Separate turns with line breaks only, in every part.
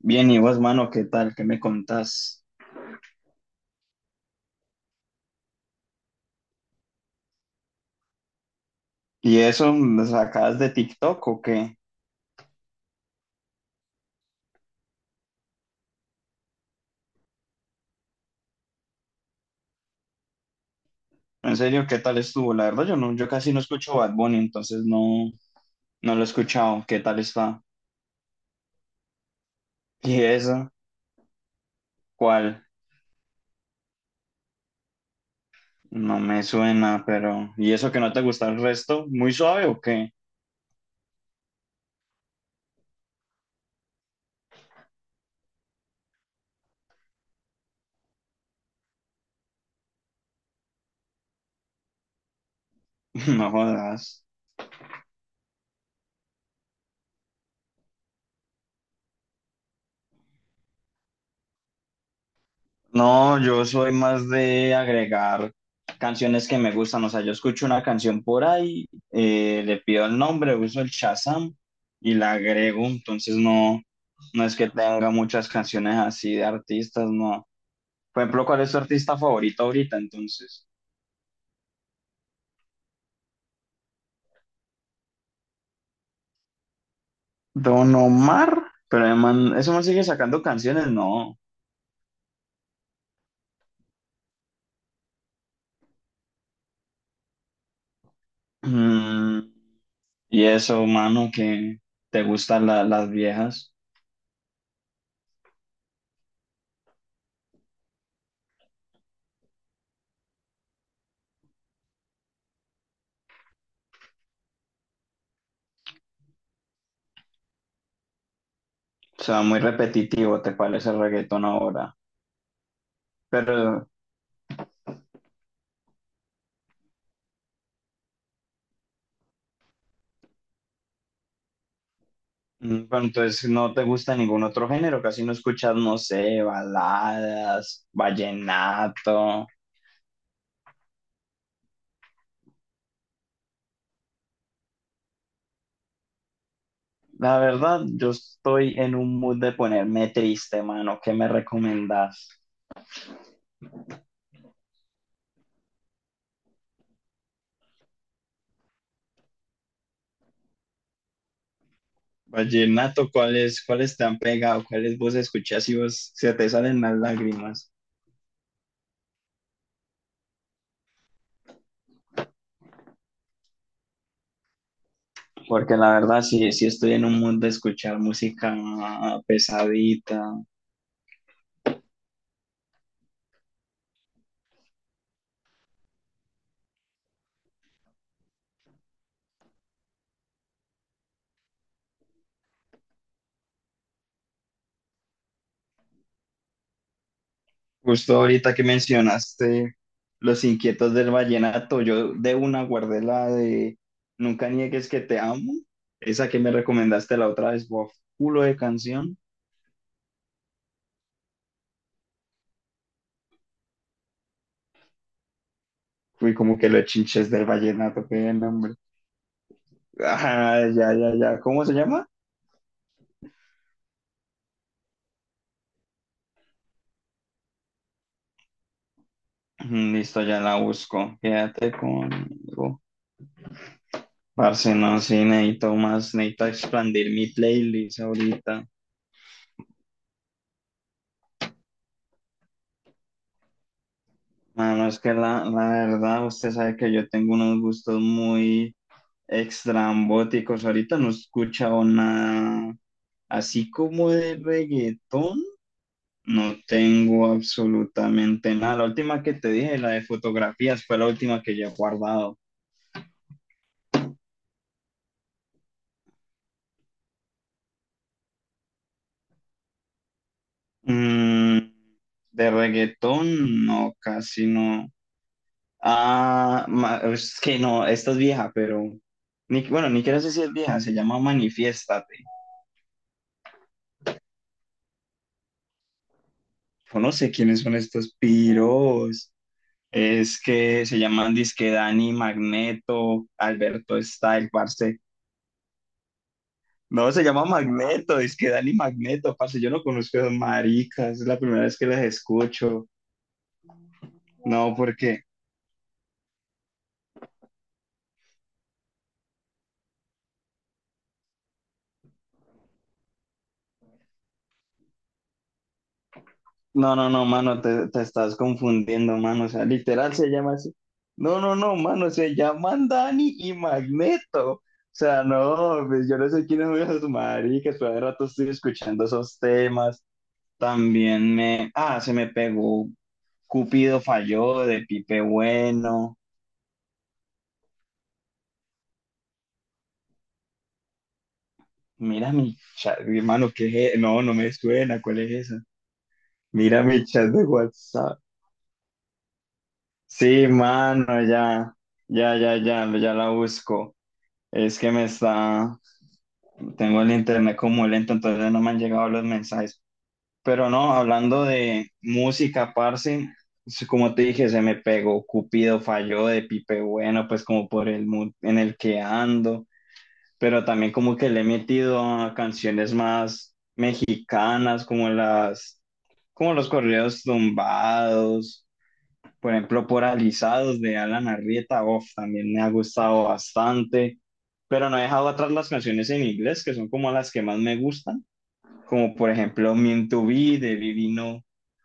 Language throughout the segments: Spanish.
Bien, y vos, mano, ¿qué tal? ¿Qué me contás? ¿Y eso lo sacás de TikTok o qué? En serio, ¿qué tal estuvo? La verdad, yo no, yo casi no escucho Bad Bunny, entonces no, no lo he escuchado. ¿Qué tal está? ¿Y eso? ¿Cuál? No me suena, pero. ¿Y eso que no te gusta el resto? ¿Muy suave o qué? No jodas. No, yo soy más de agregar canciones que me gustan. O sea, yo escucho una canción por ahí, le pido el nombre, uso el Shazam y la agrego. Entonces no, no es que tenga muchas canciones así de artistas, no. Por ejemplo, ¿cuál es tu artista favorito ahorita entonces? Don Omar, pero el man, ¿eso man sigue sacando canciones? No. Mm, y eso, mano, que te gustan las viejas. O sea, muy repetitivo, ¿te parece el reggaetón ahora? Pero, pero entonces no te gusta ningún otro género, casi no escuchas, no sé, baladas, vallenato. La verdad, yo estoy en un mood de ponerme triste, mano. ¿Qué me recomendás? Vallenato, ¿cuáles te han pegado? ¿Cuáles vos escuchás y vos se te salen las lágrimas? Porque la verdad, sí, sí estoy en un mood de escuchar música pesadita. Justo ahorita que mencionaste Los Inquietos del Vallenato, yo de una guardé la de Nunca niegues que te amo, esa que me recomendaste la otra vez, bof, culo de canción. Fui como que los chinches del vallenato, qué nombre. Ah, ya, ya, ya. ¿Cómo se llama? Mm, listo, ya la busco. Quédate conmigo. Parce, no, sí, necesito más, necesito expandir mi playlist ahorita. Mano, es que la verdad, usted sabe que yo tengo unos gustos muy extrambóticos. Ahorita no he escuchado nada así como de reggaetón. No tengo absolutamente nada. La última que te dije, la de fotografías, fue la última que yo he guardado. Mm, de reggaetón, no, casi no. Ah, es que no, esta es vieja, pero ni, bueno, ni quiero decir si es vieja, se llama Manifiéstate. Yo no sé quiénes son estos piros. Es que se llaman disque Dani Magneto, Alberto Style, parce. No, se llama Magneto, disque Dani Magneto, parce. Yo no conozco a esos maricas, es la primera vez que las escucho. No, porque. No, no, no, mano, te estás confundiendo, mano. O sea, literal se llama así. No, no, no, mano, se llaman Dani y Magneto. O sea, no, pues yo no sé quiénes son esos maricas, pero de rato estoy escuchando esos temas. También se me pegó Cupido falló de Pipe Bueno. Mira mi chat, mi hermano, ¿qué es? No, no me suena, ¿cuál es esa? Mira mi chat de WhatsApp. Sí, mano, ya, ya, ya, ya, ya la busco. Es que tengo el internet como lento, entonces no me han llegado los mensajes. Pero no, hablando de música, parce, sí, como te dije, se me pegó Cupido falló de Pipe Bueno, pues como por el mood en el que ando. Pero también como que le he metido a canciones más quicanas, como los corridos tumbados, por ejemplo, poralizados de Alan Arrieta, uf, también me ha gustado bastante, pero no he dejado atrás las canciones en inglés, que son como las que más me gustan, como por ejemplo Mean to Be de Vivino,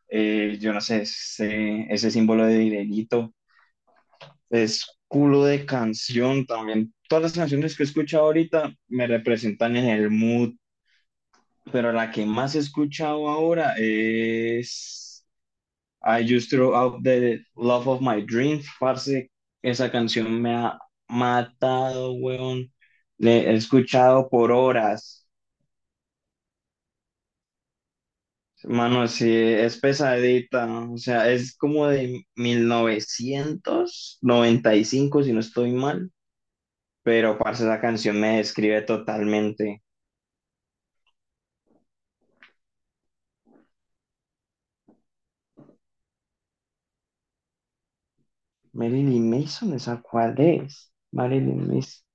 yo no sé, ese símbolo de dinerito es culo de canción también. Todas las canciones que he escuchado ahorita me representan en el mood, pero la que más he escuchado ahora es I Just Threw Out the Love of My Dreams, parce. Esa canción me ha matado, weón. Le he escuchado por horas. Mano, sí, es pesadita. O sea, es como de 1995, si no estoy mal. Pero, parce, esa canción me describe totalmente. Marilyn Mason, ¿esa cuál es? Marilyn Mason.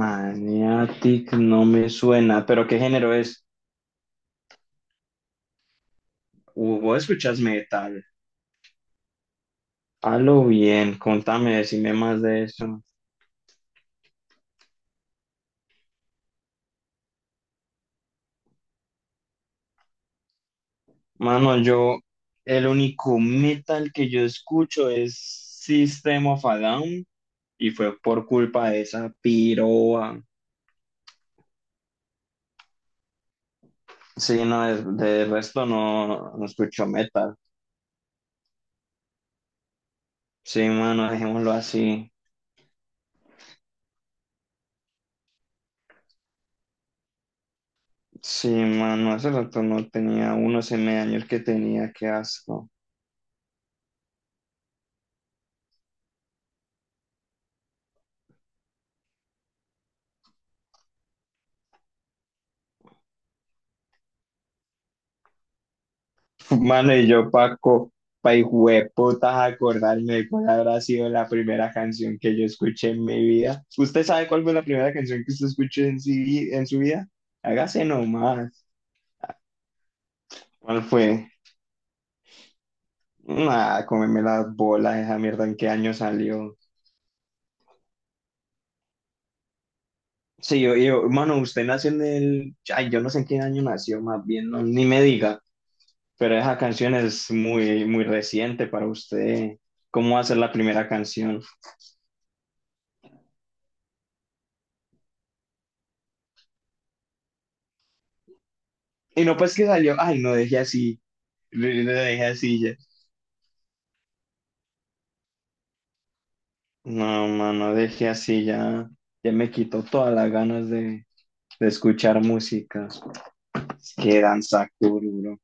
Maniatic no me suena, pero ¿qué género es? ¿Vos escuchas metal? Halo bien, contame, decime más de eso. Mano, el único metal que yo escucho es System of a Down y fue por culpa de esa piroa. Sí, no, de resto no, no escucho metal. Sí, mano, dejémoslo así. Sí, mano, hace rato no tenía unos M años que tenía, qué asco. Mano, y yo, Paco, pa' hijo de putas, acordarme de cuál habrá sido la primera canción que yo escuché en mi vida. ¿Usted sabe cuál fue la primera canción que usted escuchó en su vida? Hágase nomás. ¿Cuál fue? Nada, cómeme las bolas, esa mierda, ¿en qué año salió? Sí, yo, mano, usted nació en el. Ay, yo no sé en qué año nació, más bien, no, ni me diga. Pero esa canción es muy, muy reciente para usted. ¿Cómo va a ser la primera canción? Y no, pues que salió. Ay, no dejé así. No dejé así ya. No, mano, dejé así ya. Ya me quitó todas las ganas de escuchar música. Es que danza duro.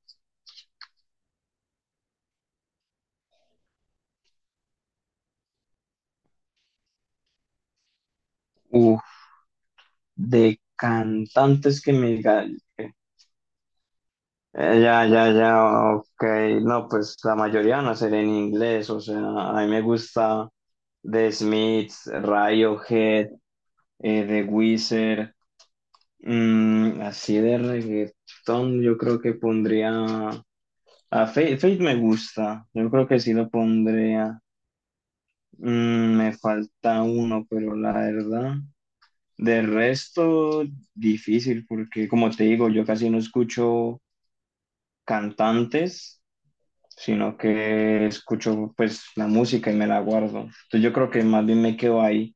Uf, de cantantes que me digan. Ya, ya, ya, ok. No, pues la mayoría no será en inglés. O sea, a mí me gusta The Smiths, Radiohead. De Weezer, así de reggaetón, yo creo que pondría a Faith, Faith me gusta, yo creo que sí lo pondría. Me falta uno, pero la verdad, de resto, difícil, porque como te digo, yo casi no escucho cantantes, sino que escucho pues la música y me la guardo, entonces yo creo que más bien me quedo ahí.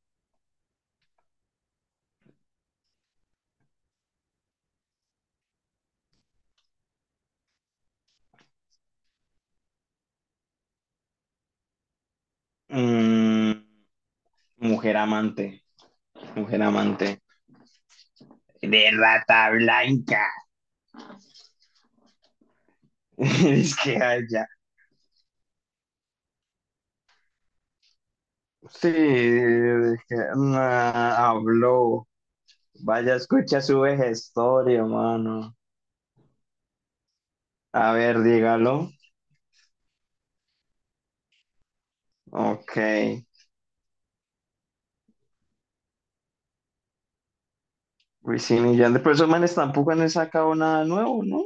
Mm, Mujer amante, mujer amante. De Rata Blanca. Es que allá. Sí, es que, nah, habló. Vaya, escucha su vejestorio, mano. A ver, dígalo. Ok. Uy, sí, millón de personas tampoco han sacado nada nuevo, ¿no?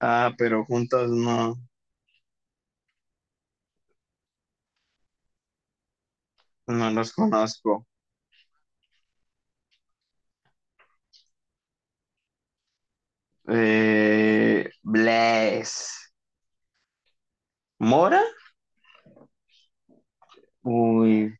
Ah, pero juntos no, no los conozco. Bless. ¿Mora? Uy,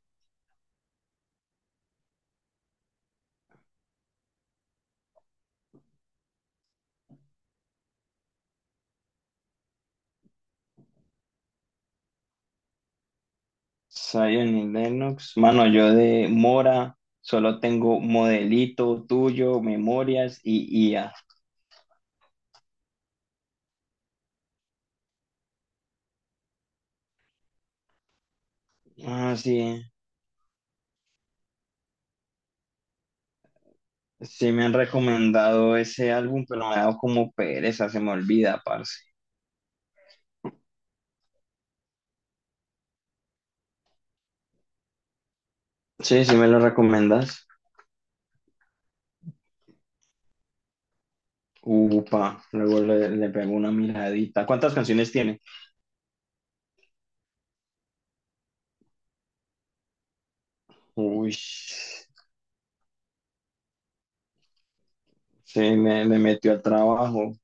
Zion y Lennox. Mano, yo de Mora solo tengo modelito tuyo, memorias y IA. Ah, sí, sí me han recomendado ese álbum, pero me ha dado como pereza, se me olvida, parce. Sí, sí me lo recomendas. Upa, luego le pego una miradita. ¿Cuántas canciones tiene? Uy, sí, me metió al trabajo.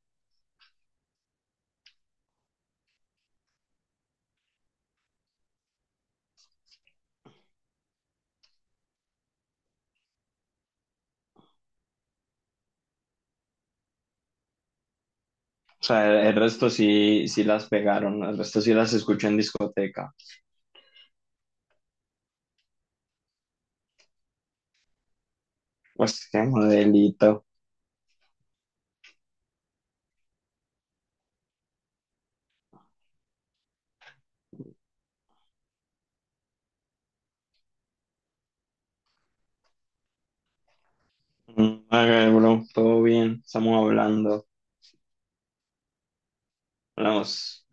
O sea, el resto sí, sí las pegaron, el resto sí las escucho en discoteca. Pues qué modelito. Mm, ok, bro, todo bien, estamos hablando. Hablamos.